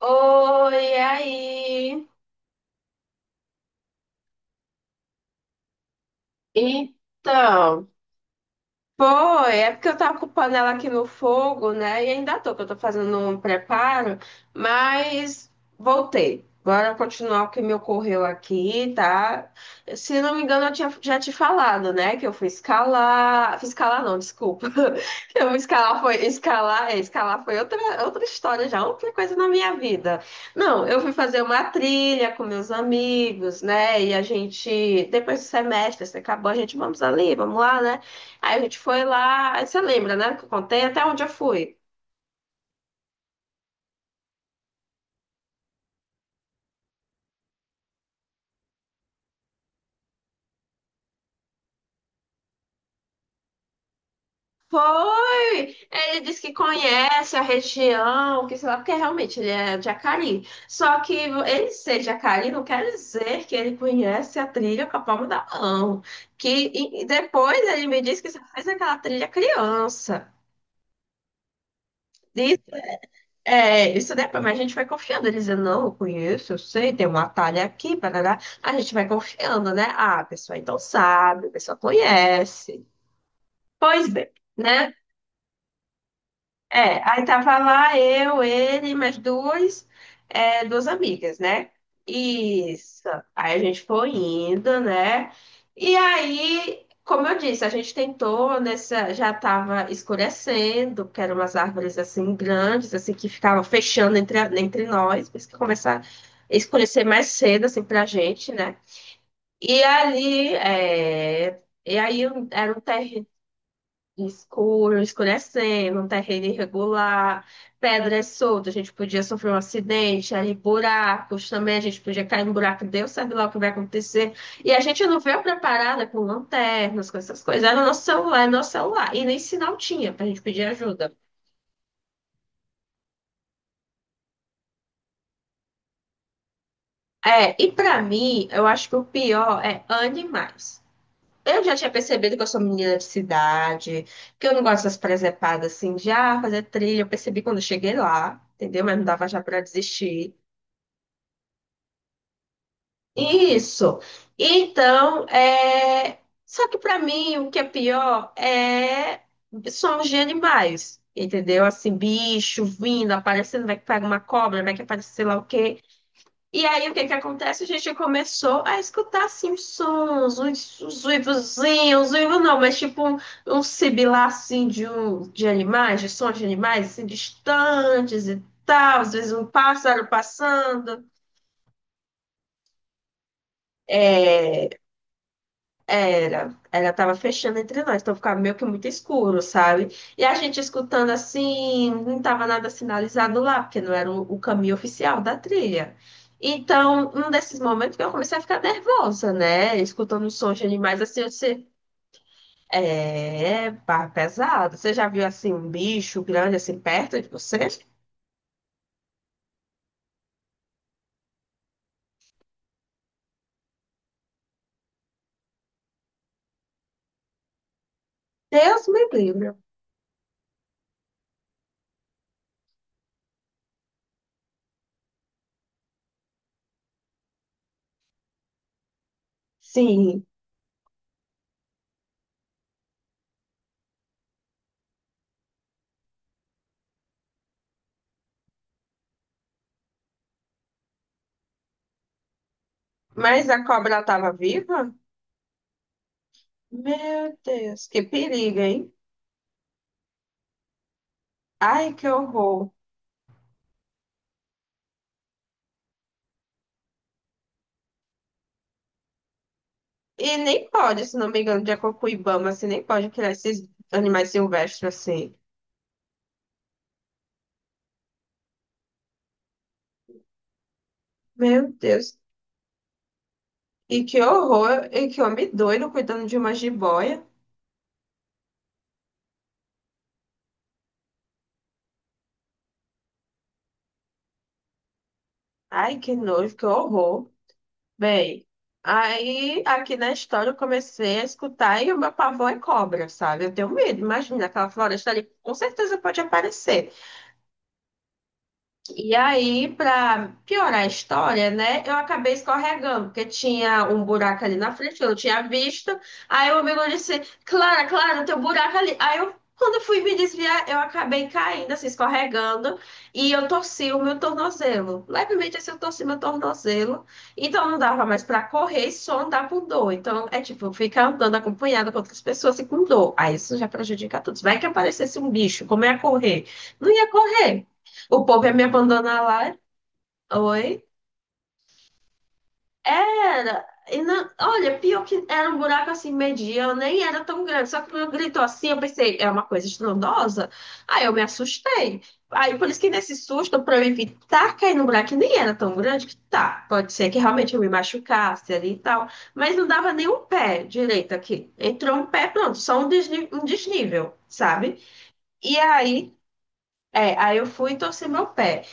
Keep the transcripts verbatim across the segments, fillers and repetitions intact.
Oi, e aí? Então, foi, é porque eu tava ocupando ela aqui no fogo, né? E ainda tô, que eu tô fazendo um preparo, mas voltei. Bora continuar o que me ocorreu aqui, tá? Se não me engano, eu tinha, já te falado, né? Que eu fui escalar. Fui escalar, não, desculpa. Que eu fui escalar foi. Escalar, é, escalar foi outra, outra história já, outra coisa na minha vida. Não, eu fui fazer uma trilha com meus amigos, né? E a gente, depois do semestre, assim, acabou, a gente vamos ali, vamos lá, né? Aí a gente foi lá, aí você lembra, né, que eu contei até onde eu fui. Foi! Ele disse que conhece a região, que sei lá, porque realmente ele é de Jacari. Só que ele ser de Jacari não quer dizer que ele conhece a trilha com a palma da mão. Que e- e depois ele me disse que só fez aquela trilha criança. Diz- é, isso depois, mas a gente vai confiando. Ele dizendo, não, eu conheço, eu sei, tem um atalho aqui, parará. A gente vai confiando, né? Ah, a pessoa então sabe, a pessoa conhece. Pois bem, né? É, aí tava lá eu, ele, mais duas, é, duas amigas, né? Isso. Aí a gente foi indo, né? E aí, como eu disse, a gente tentou nessa, já tava escurecendo, porque eram umas árvores assim grandes, assim que ficavam fechando entre, a- entre nós, por isso que começava a escurecer mais cedo assim pra gente, né? E ali, é, e aí um, era um terreno escuro, escurecendo, um terreno irregular, pedras soltas, a gente podia sofrer um acidente, ali buracos também, a gente podia cair no buraco, Deus sabe lá o que vai acontecer. E a gente não veio preparada com lanternas, com essas coisas. Era o nosso celular, era o nosso celular. E nem sinal tinha pra gente pedir ajuda. É, e pra mim, eu acho que o pior é animais. Eu já tinha percebido que eu sou menina de cidade, que eu não gosto dessas presepadas assim, de ah, fazer trilha. Eu percebi quando eu cheguei lá, entendeu? Mas não dava já pra desistir. Isso. Então, é... só que para mim o que é pior é são os de animais, entendeu? Assim, bicho vindo, aparecendo, vai que pega uma cobra, vai que aparece sei lá o quê. E aí o que que acontece? A gente começou a escutar assim os sons, os, os uivozinhos, os uivos não, mas tipo um, um sibilar assim de, um, de animais, de sons de animais assim distantes e tal, às vezes um pássaro passando. É, era, ela tava fechando entre nós, então ficava meio que muito escuro, sabe? E a gente escutando assim, não tava nada sinalizado lá, porque não era o, o caminho oficial da trilha. Então, num desses momentos que eu comecei a ficar nervosa, né? Escutando os sons de animais assim, eu disse, é, pá, pesado. Você já viu assim um bicho grande assim perto de você? Deus me livre. Sim, mas a cobra tava viva? Meu Deus, que perigo, hein? Ai, que horror. E nem pode, se não me engano, de acordo com o Ibama, assim, nem pode criar esses animais silvestres assim. Meu Deus. E que horror, e que homem doido cuidando de uma jiboia. Ai, que nojo, que horror. Bem, aí aqui na história eu comecei a escutar e o meu pavor é cobra, sabe? Eu tenho medo, imagina aquela floresta ali, com certeza pode aparecer. E aí, para piorar a história, né, eu acabei escorregando, porque tinha um buraco ali na frente, eu não tinha visto. Aí o amigo disse, Clara, Clara, tem um buraco ali. Aí eu, quando eu fui me desviar, eu acabei caindo, assim, escorregando, e eu torci o meu tornozelo. Levemente assim, eu torci meu tornozelo. Então não dava mais para correr e só andar com dor. Então é tipo, ficar andando acompanhada com outras pessoas e com dor. Aí isso já prejudica todos. Vai que aparecesse um bicho, como ia correr? Não ia correr. O povo ia me abandonar lá. Oi? Era. E não, olha, pior que era um buraco assim, mediano, nem era tão grande. Só que quando gritou assim, eu pensei, é uma coisa estrondosa. Aí eu me assustei. Aí por isso que nesse susto, pra eu evitar cair no buraco, que nem era tão grande, que tá, pode ser que realmente eu me machucasse ali e tal. Mas não dava nem um pé direito aqui. Entrou um pé, pronto, só um desni- um desnível, sabe? E aí, é, aí eu fui e torci meu pé.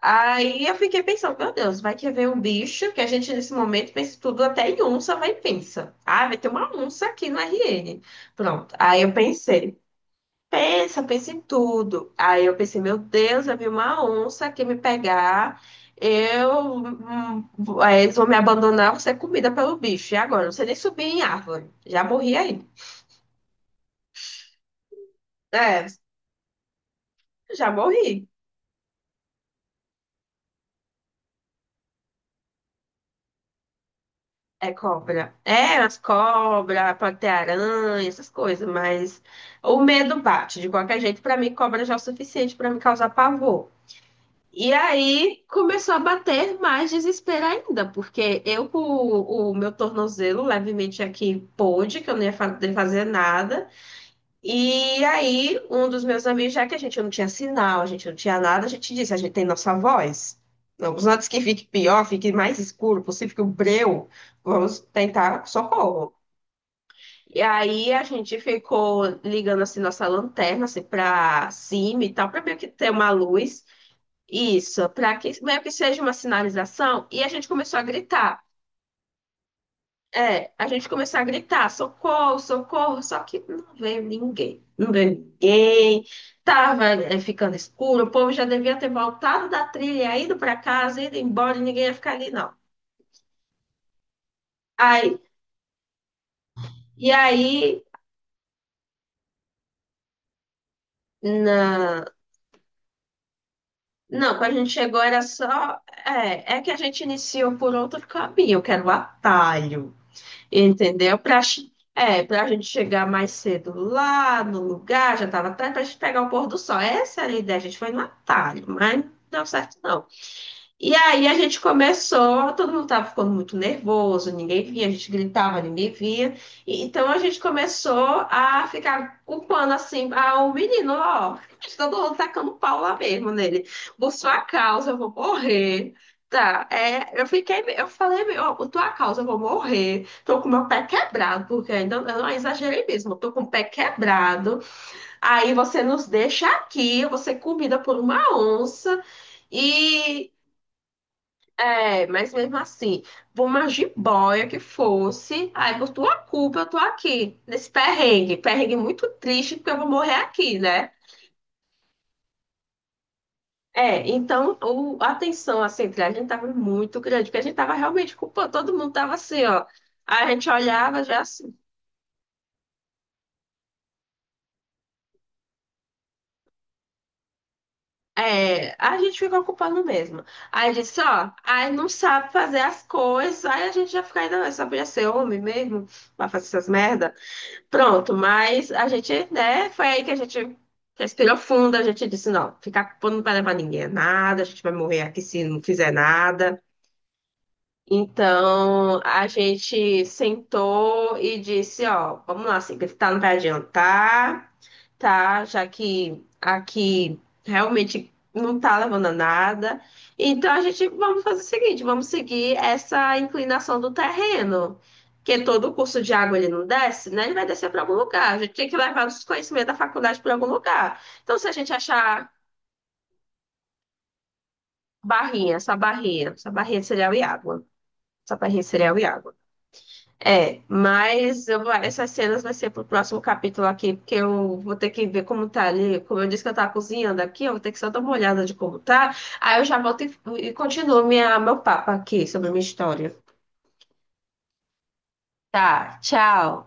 Aí eu fiquei pensando, meu Deus, vai que vem um bicho que a gente nesse momento pensa tudo até em onça, vai e pensa. Ah, vai ter uma onça aqui no R N. Pronto. Aí eu pensei, pensa, pensa em tudo. Aí eu pensei, meu Deus, vai vir uma onça aqui me pegar. Eu, hum, vou- aí eles vão me abandonar, vou ser comida pelo bicho. E agora? Eu não sei nem subir em árvore. Já morri aí. É, já morri. É cobra. É, as cobras, pode ter aranha, essas coisas, mas o medo bate. De qualquer jeito, pra mim, cobra já é o suficiente pra me causar pavor. E aí começou a bater mais desespero ainda, porque eu com o, o meu tornozelo levemente aqui pôde, que eu não ia fa- fazer nada. E aí, um dos meus amigos, já que a gente não tinha sinal, a gente não tinha nada, a gente disse, a gente tem nossa voz. Vamos antes que fique pior, fique mais escuro, possível que o breu, vamos tentar socorro. E aí a gente ficou ligando assim nossa lanterna assim para cima e tal, para meio que ter uma luz. Isso, para que meio que seja uma sinalização. E a gente começou a gritar. É, a gente começou a gritar, socorro, socorro, só que não veio ninguém, não veio ninguém, tava é, ficando escuro, o povo já devia ter voltado da trilha, ido para casa, ido embora, e ninguém ia ficar ali, não. Aí, e aí, na... não, quando a gente chegou era só, é, é que a gente iniciou por outro caminho, que era o atalho. Entendeu? Pra, chi- é, pra gente chegar mais cedo lá no lugar, já tava tarde, pra gente pegar o pôr do sol. Essa era a ideia, a gente foi no atalho, mas não deu certo não. E aí a gente começou, todo mundo estava ficando muito nervoso, ninguém via, a gente gritava, ninguém via. E, então a gente começou a ficar culpando assim, ah, o menino, ó, todo mundo tacando pau lá mesmo nele. Por sua causa, eu vou morrer. Tá, é, eu fiquei, me- eu falei, meu, ó, por tua causa, eu vou morrer. Tô com meu pé quebrado, porque ainda eu não exagerei mesmo, eu tô com o pé quebrado. Aí você nos deixa aqui, eu vou ser comida por uma onça. E, é, mas mesmo assim, por uma jiboia que fosse, aí por tua culpa eu tô aqui, nesse perrengue, perrengue muito triste, porque eu vou morrer aqui, né? É, então o- a tensão assim, entre a gente tava muito grande, porque a gente tava realmente culpando, todo mundo tava assim, ó. Aí a gente olhava já assim, é, a gente ficou culpando mesmo. Aí disse, ó, aí não sabe fazer as coisas, aí a gente já fica ainda, "Não, só podia ser homem mesmo, pra fazer essas merda. Pronto, mas a gente, né, foi aí que a gente respirou fundo, a gente disse, não, ficar com não vai levar ninguém a nada, a gente vai morrer aqui se não fizer nada. Então, a gente sentou e disse, ó, vamos lá, assim que tá, não vai adiantar tá? Já que aqui realmente não tá levando a nada. Então a gente vamos fazer o seguinte, vamos seguir essa inclinação do terreno, que todo o curso de água ele não desce, né? Ele vai descer para algum lugar. A gente tem que levar os conhecimentos da faculdade para algum lugar. Então se a gente achar barrinha, essa barrinha, essa barrinha de cereal e água, essa barrinha de cereal e água. É, mas eu vou- essas cenas vai ser pro próximo capítulo aqui, porque eu vou ter que ver como tá ali. Como eu disse que eu tava cozinhando aqui, eu vou ter que só dar uma olhada de como tá. Aí eu já volto e, e continuo minha, meu papo aqui sobre a minha história. Tá, tchau.